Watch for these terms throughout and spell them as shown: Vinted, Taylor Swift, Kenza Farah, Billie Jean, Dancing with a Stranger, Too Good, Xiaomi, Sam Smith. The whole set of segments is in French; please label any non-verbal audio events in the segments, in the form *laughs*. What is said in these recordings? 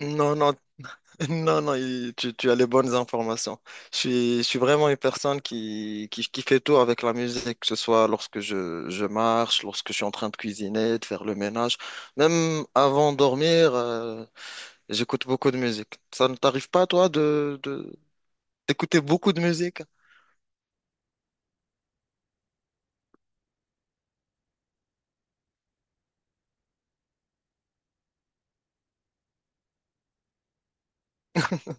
Non, non, *laughs* non, non, tu as les bonnes informations. Je suis vraiment une personne qui fait tout avec la musique, que ce soit lorsque je marche, lorsque je suis en train de cuisiner, de faire le ménage. Même avant de dormir, j'écoute beaucoup de musique. Ça ne t'arrive pas, toi, d'écouter beaucoup de musique? *laughs*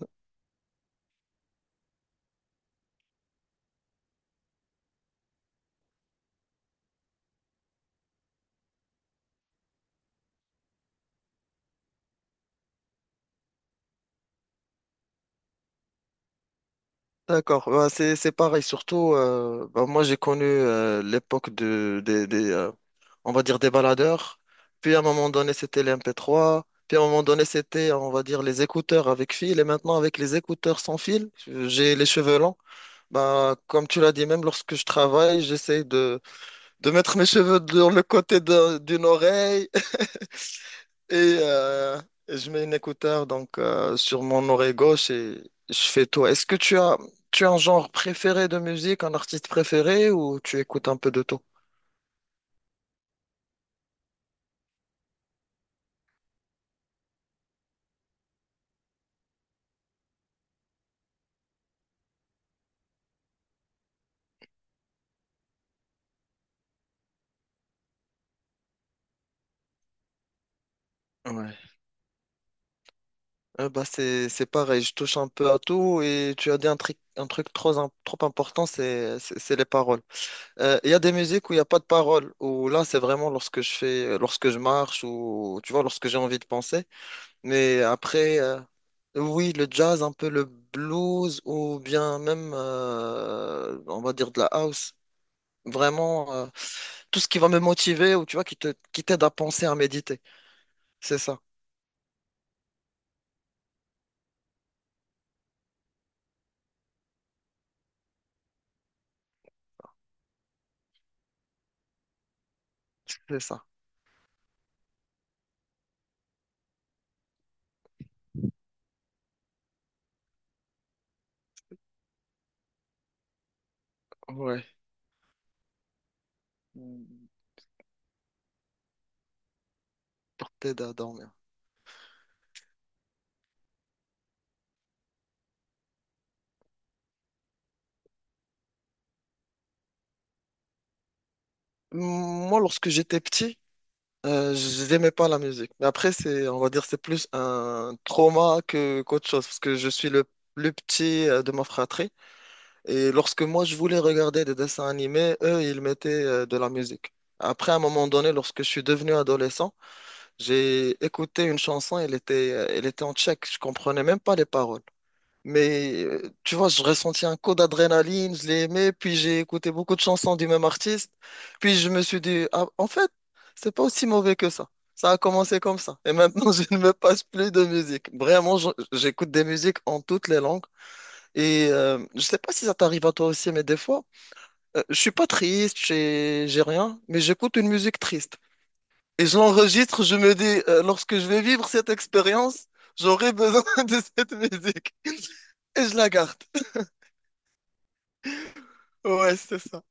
D'accord. Bah, c'est pareil. Surtout, bah, moi j'ai connu l'époque des, on va dire des baladeurs. Puis à un moment donné c'était les MP3. Puis à un moment donné c'était, on va dire, les écouteurs avec fil. Et maintenant avec les écouteurs sans fil, j'ai les cheveux longs. Bah comme tu l'as dit, même lorsque je travaille, j'essaie de mettre mes cheveux dans le côté d'une oreille et euh, et je mets une écouteur donc sur mon oreille gauche et je fais tout. Est-ce que tu as un genre préféré de musique, un artiste préféré ou tu écoutes un peu de tout? Ouais. Bah c'est pareil, je touche un peu à tout et tu as dit un truc trop important, c'est c'est les paroles. Il y a des musiques où il n'y a pas de paroles, où là c'est vraiment lorsque je marche ou tu vois lorsque j'ai envie de penser. Mais après, oui, le jazz, un peu le blues ou bien même, on va dire, de la house. Vraiment, tout ce qui va me motiver ou tu vois, qui t'aide à penser, à méditer. C'est ça, c'est ça. Ouais, t'aide à dormir. Moi, lorsque j'étais petit, j'aimais pas la musique. Mais après, c'est, on va dire, c'est plus un trauma que qu'autre chose parce que je suis le plus petit de ma fratrie. Et lorsque moi, je voulais regarder des dessins animés, eux, ils mettaient de la musique. Après, à un moment donné, lorsque je suis devenu adolescent, j'ai écouté une chanson, elle était en tchèque, je comprenais même pas les paroles. Mais tu vois, je ressentis un coup d'adrénaline, je l'ai aimé, puis j'ai écouté beaucoup de chansons du même artiste, puis je me suis dit, ah, en fait, c'est pas aussi mauvais que ça. Ça a commencé comme ça. Et maintenant, *laughs* je ne me passe plus de musique. Vraiment, j'écoute des musiques en toutes les langues. Et je sais pas si ça t'arrive à toi aussi, mais des fois, je suis pas triste, j'ai rien, mais j'écoute une musique triste. Et je l'enregistre, je me dis, lorsque je vais vivre cette expérience, j'aurai besoin *laughs* de cette musique. Et je la garde. Ouais, c'est ça.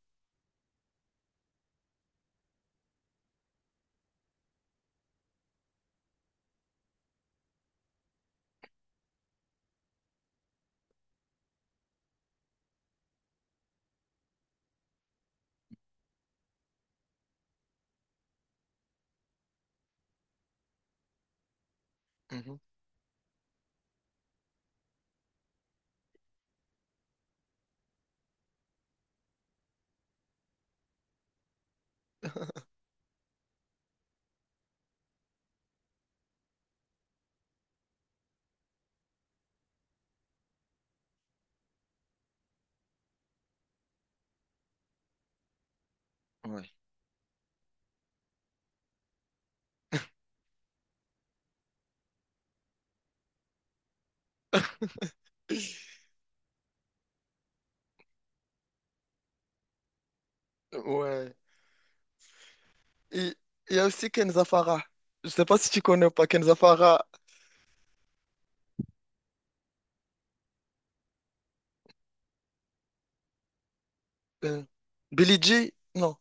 Mhm. *laughs* Ouais. Ouais. Il il y a aussi Kenza Farah. Je sais pas si tu connais ou pas Kenza Farah. Euh, Billie Jean? Non,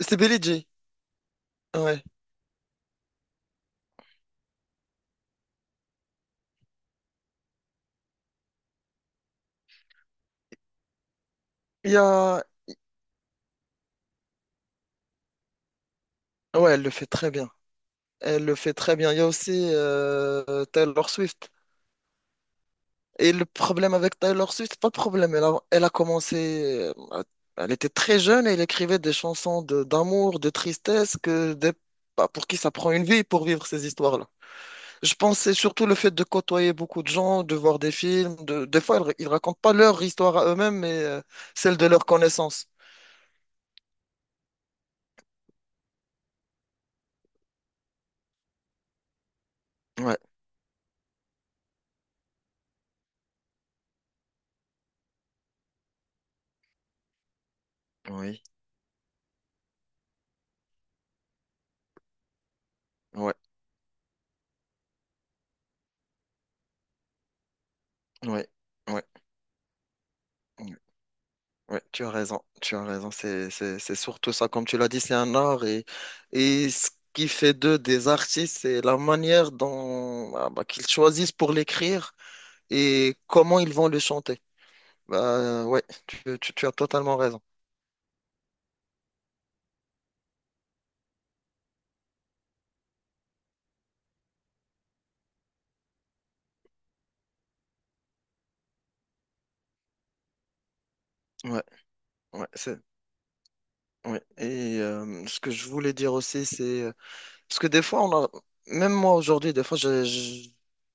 c'est Billie Jean. Ouais. Il y a... Ouais, elle le fait très bien. Elle le fait très bien. Il y a aussi Taylor Swift. Et le problème avec Taylor Swift, pas de problème. Elle a commencé, elle était très jeune et elle écrivait des chansons d'amour, de tristesse, que des- bah, pour qui ça prend une vie pour vivre ces histoires-là. Je pense que c'est surtout le fait de côtoyer beaucoup de gens, de voir des films. Des fois, ils racontent pas leur histoire à eux-mêmes, mais celle de leurs connaissances. Ouais, oui, ouais, ouais, ouais. Oui, tu as raison, tu as raison. C'est, c'est surtout ça, comme tu l'as dit, c'est un art et ce qui fait d'eux des artistes, c'est la manière dont ah bah, qu'ils choisissent pour l'écrire et comment ils vont le chanter. Bah, ouais, tu as totalement raison. Ouais, ouais, c'est, ouais. Et ce que je voulais dire aussi, c'est parce que des fois, on a... même moi aujourd'hui, des fois, je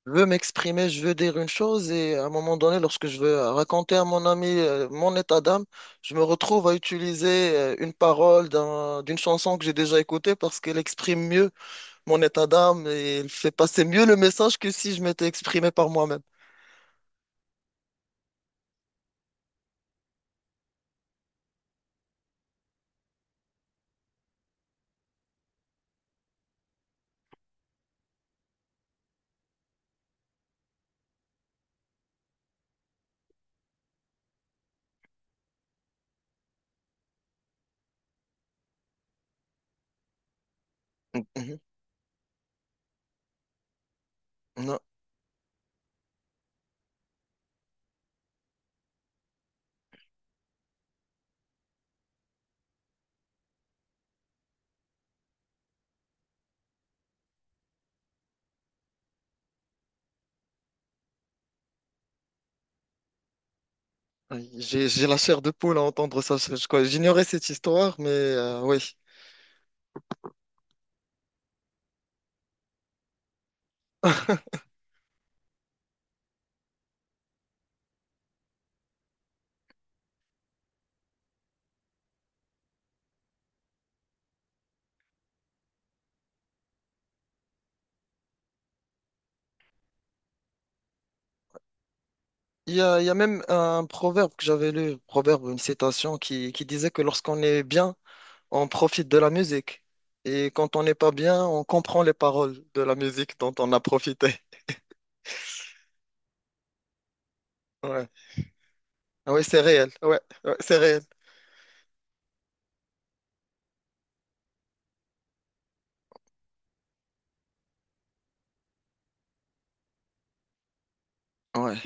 veux m'exprimer, je veux dire une chose, et à un moment donné, lorsque je veux raconter à mon ami mon état d'âme, je me retrouve à utiliser une parole d'une chanson que j'ai déjà écoutée parce qu'elle exprime mieux mon état d'âme et elle fait passer mieux le message que si je m'étais exprimé par moi-même. Mhm. Non, oui, j'ai la chair de poule à entendre ça. Quoi, j'ignorais cette histoire, mais oui. Il y a même un proverbe que j'avais lu, proverbe, une citation qui disait que lorsqu'on est bien, on profite de la musique. Et quand on n'est pas bien, on comprend les paroles de la musique dont on a profité. *laughs* Ouais. Ah ouais, c'est réel. Ouais, ouais, c'est réel. Ouais.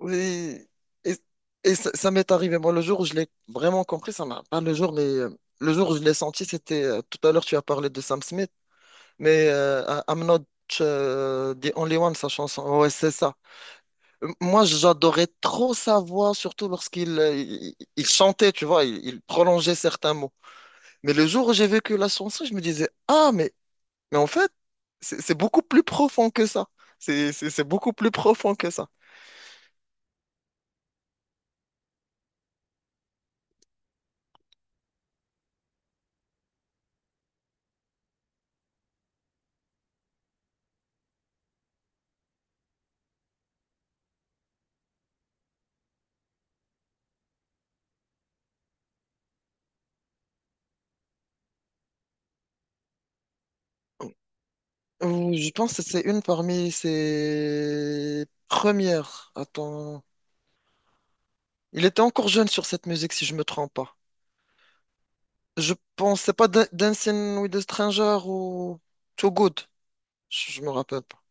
Oui. Et, et ça, ça m'est arrivé. Moi, le jour où je l'ai vraiment compris, ça m'a pas le jour, mais le jour où je l'ai senti, c'était tout à l'heure, tu as parlé de Sam Smith, mais I'm not the only one, sa chanson. Ouais, c'est ça. Moi, j'adorais trop sa voix, surtout lorsqu'il il chantait, tu vois, il prolongeait certains mots. Mais le jour où j'ai vécu la chanson, je me disais, ah, mais en fait, c'est beaucoup plus profond que ça. C'est c'est beaucoup plus profond que ça. Ou je pense que c'est une parmi ses premières. Attends. Il était encore jeune sur cette musique, si je me trompe pas. Je pense, c'est pas Dancing with a Stranger ou Too Good. Je me rappelle pas.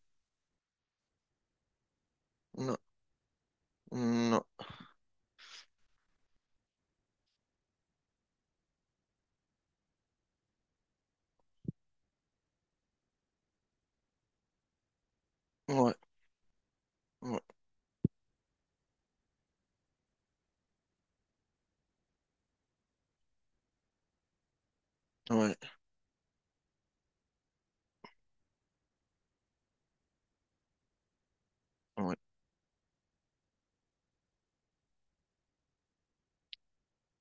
Non, non, ouais, ouais, ouais, ouais.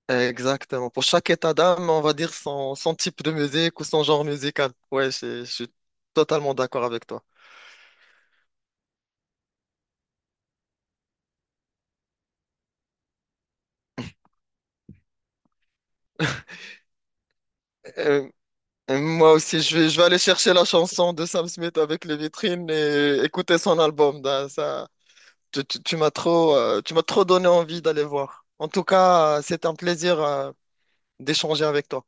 Exactement. Pour chaque état d'âme, on va dire son, son type de musique ou son genre musical. Ouais, je suis totalement d'accord avec toi. Euh, Et moi aussi, je vais aller chercher la chanson de Sam Smith avec les vitrines et écouter son album. Ben, ça, tu m'as trop donné envie d'aller voir. En tout cas, c'est un plaisir, d'échanger avec toi.